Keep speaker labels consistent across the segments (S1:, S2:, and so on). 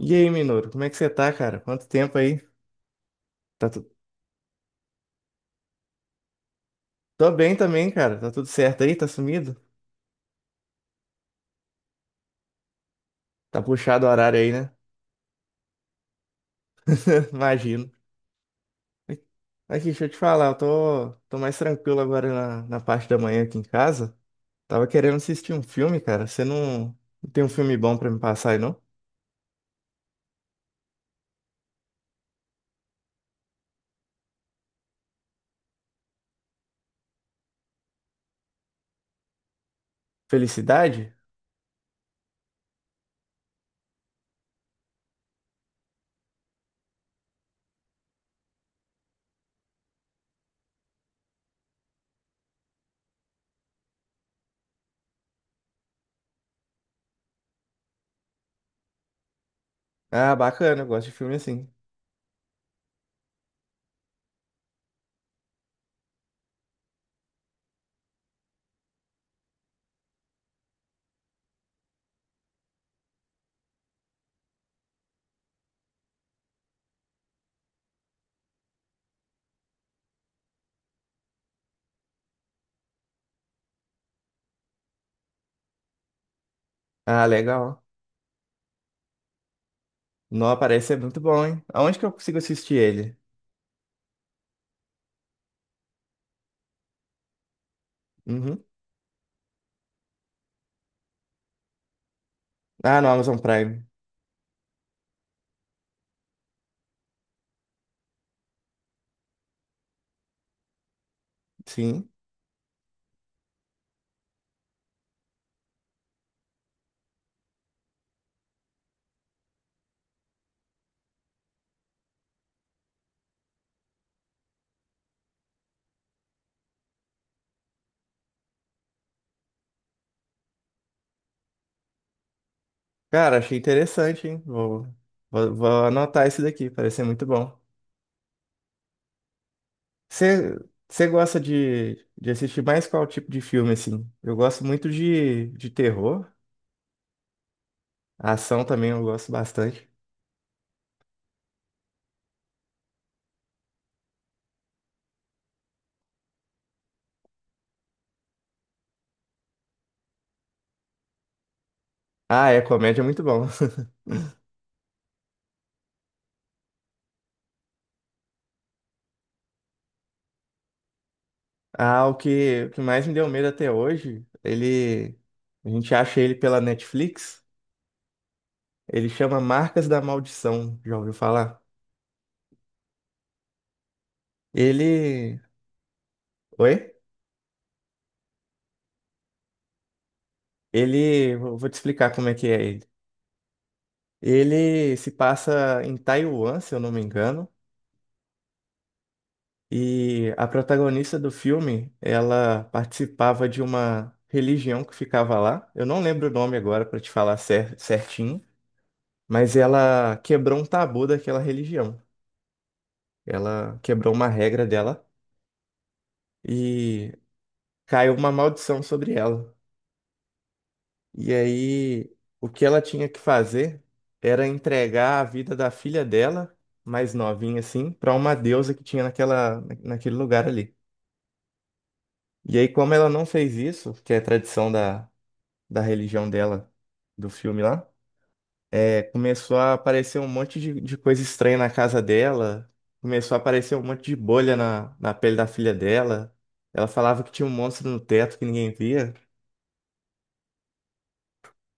S1: E aí, Minoru, como é que você tá, cara? Quanto tempo aí? Tá tu... Tô bem também, cara. Tá tudo certo aí? Tá sumido? Tá puxado o horário aí, né? Imagino. Aqui, deixa eu te falar, eu tô mais tranquilo agora na parte da manhã aqui em casa. Tava querendo assistir um filme, cara. Você não tem um filme bom pra me passar aí, não? Felicidade? Ah, bacana, eu gosto de filme assim. Ah, legal. Não, parece ser muito bom, hein? Aonde que eu consigo assistir ele? Uhum. Ah, no Amazon Prime. Sim. Cara, achei interessante, hein? Vou anotar esse daqui, parece ser muito bom. Você você gosta de assistir mais qual tipo de filme, assim? Eu gosto muito de terror, ação também eu gosto bastante. Ah, é, comédia é muito bom. Ah, o que mais me deu medo até hoje, ele, a gente acha ele pela Netflix, ele chama Marcas da Maldição, já ouviu falar? Ele, oi? Ele, vou te explicar como é que é ele. Ele se passa em Taiwan, se eu não me engano, e a protagonista do filme, ela participava de uma religião que ficava lá. Eu não lembro o nome agora para te falar certinho, mas ela quebrou um tabu daquela religião. Ela quebrou uma regra dela e caiu uma maldição sobre ela. E aí, o que ela tinha que fazer era entregar a vida da filha dela mais novinha assim, para uma deusa que tinha naquela, naquele lugar ali. E aí, como ela não fez isso, que é tradição da religião dela, do filme lá, é, começou a aparecer um monte de coisa estranha na casa dela, começou a aparecer um monte de bolha na pele da filha dela. Ela falava que tinha um monstro no teto que ninguém via.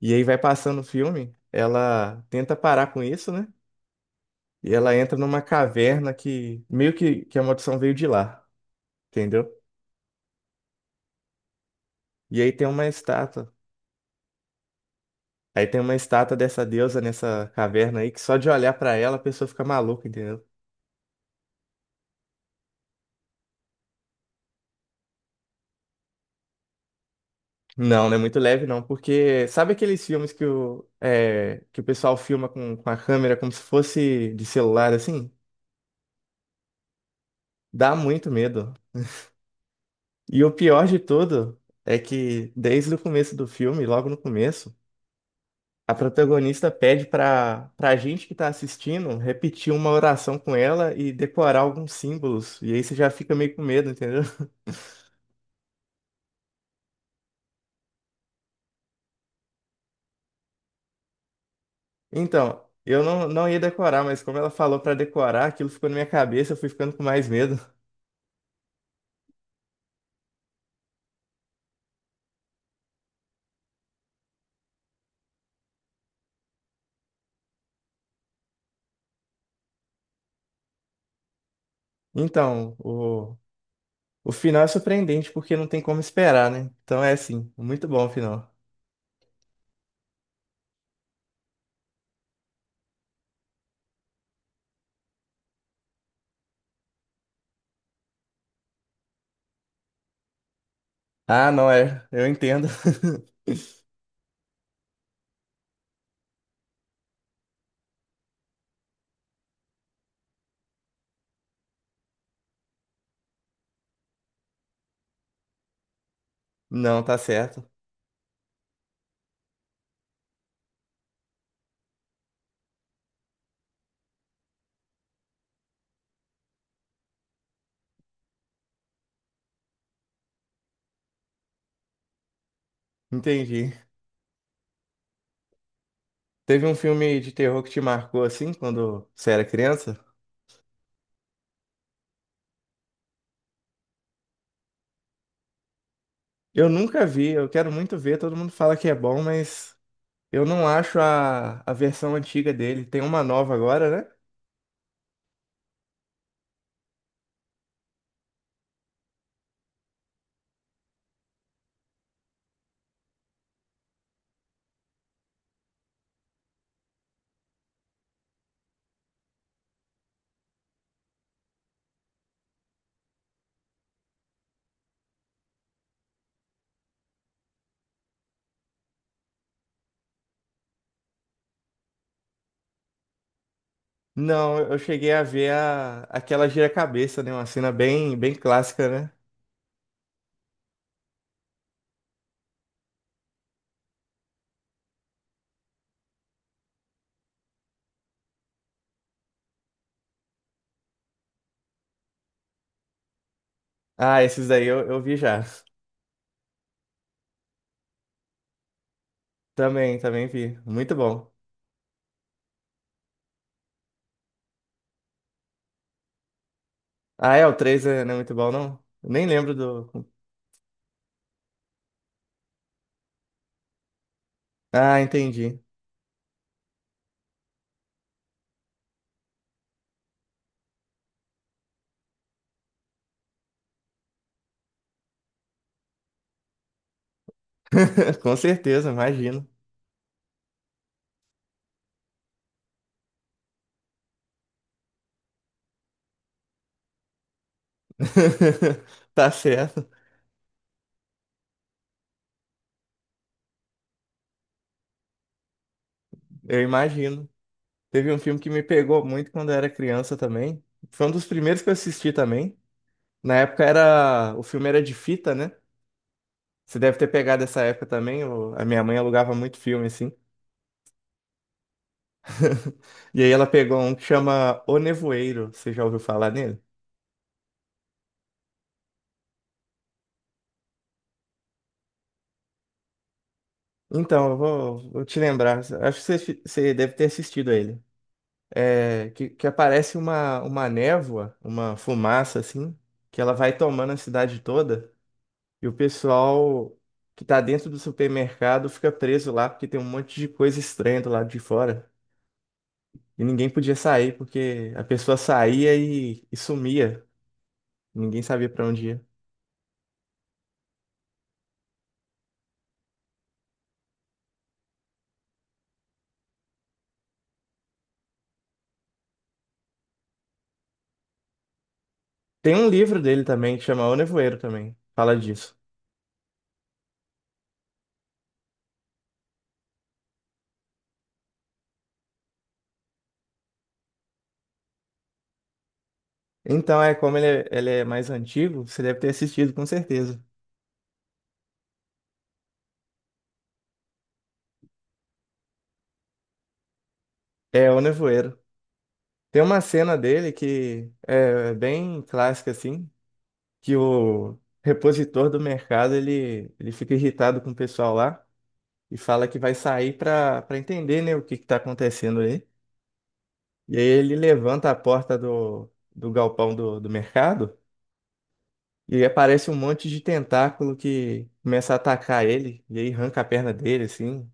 S1: E aí vai passando o filme, ela tenta parar com isso, né? E ela entra numa caverna que meio que a maldição veio de lá, entendeu? E aí tem uma estátua. Aí tem uma estátua dessa deusa nessa caverna aí que só de olhar pra ela a pessoa fica maluca, entendeu? Não, não é muito leve não, porque sabe aqueles filmes que o, é, que o pessoal filma com a câmera como se fosse de celular assim? Dá muito medo. E o pior de tudo é que desde o começo do filme, logo no começo, a protagonista pede pra gente que tá assistindo repetir uma oração com ela e decorar alguns símbolos. E aí você já fica meio com medo, entendeu? Então, eu não ia decorar, mas como ela falou pra decorar, aquilo ficou na minha cabeça, eu fui ficando com mais medo. Então, o final é surpreendente porque não tem como esperar, né? Então é assim, muito bom o final. Ah, não é, eu entendo. Não, tá certo. Entendi. Teve um filme de terror que te marcou assim quando você era criança? Eu nunca vi, eu quero muito ver, todo mundo fala que é bom, mas eu não acho a versão antiga dele. Tem uma nova agora, né? Não, eu cheguei a ver a, aquela gira-cabeça, né? Uma cena bem, bem clássica, né? Ah, esses daí eu vi já. Também, também vi. Muito bom. Ah, é, o 3 é- não é muito bom, não? Eu nem lembro do. Ah, entendi. Com certeza, imagino. Tá certo, eu imagino. Teve um filme que me pegou muito quando eu era criança também. Foi um dos primeiros que eu assisti também. Na época era. O filme era de fita, né? Você deve ter pegado essa época também. A minha mãe alugava muito filme, assim. E aí ela pegou um que chama O Nevoeiro. Você já ouviu falar nele? Então, eu vou te lembrar. Acho que você deve ter assistido a ele. É, que aparece uma névoa, uma fumaça, assim, que ela vai tomando a cidade toda. E o pessoal que tá dentro do supermercado fica preso lá, porque tem um monte de coisa estranha do lado de fora. E ninguém podia sair, porque a pessoa saía e sumia. Ninguém sabia pra onde ia. Tem um livro dele também que chama O Nevoeiro também, fala disso. Então é como ele é mais antigo, você deve ter assistido com certeza. É O Nevoeiro. Tem uma cena dele que é bem clássica assim, que o repositor do mercado ele fica irritado com o pessoal lá e fala que vai sair para entender, né, o que está acontecendo aí. E aí ele levanta a porta do, do galpão do, do mercado. E aí aparece um monte de tentáculo que começa a atacar ele, e aí arranca a perna dele, assim.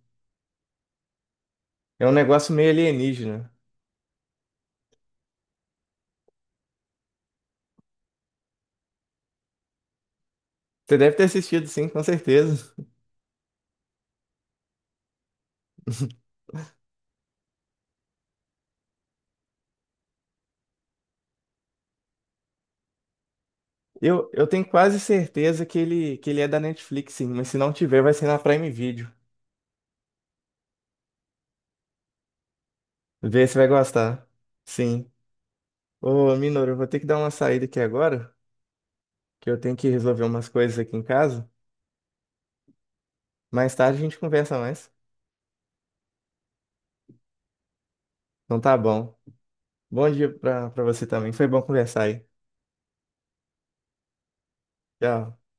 S1: É um negócio meio alienígena. Você deve ter assistido, sim, com certeza. Eu tenho quase certeza que ele é da Netflix, sim, mas se não tiver, vai ser na Prime Video. Vê se vai gostar. Sim. Ô, Minoru, eu vou ter que dar uma saída aqui agora, que eu tenho que resolver umas coisas aqui em casa. Mais tarde a gente conversa mais. Então tá bom. Bom dia pra você também. Foi bom conversar aí. Tchau.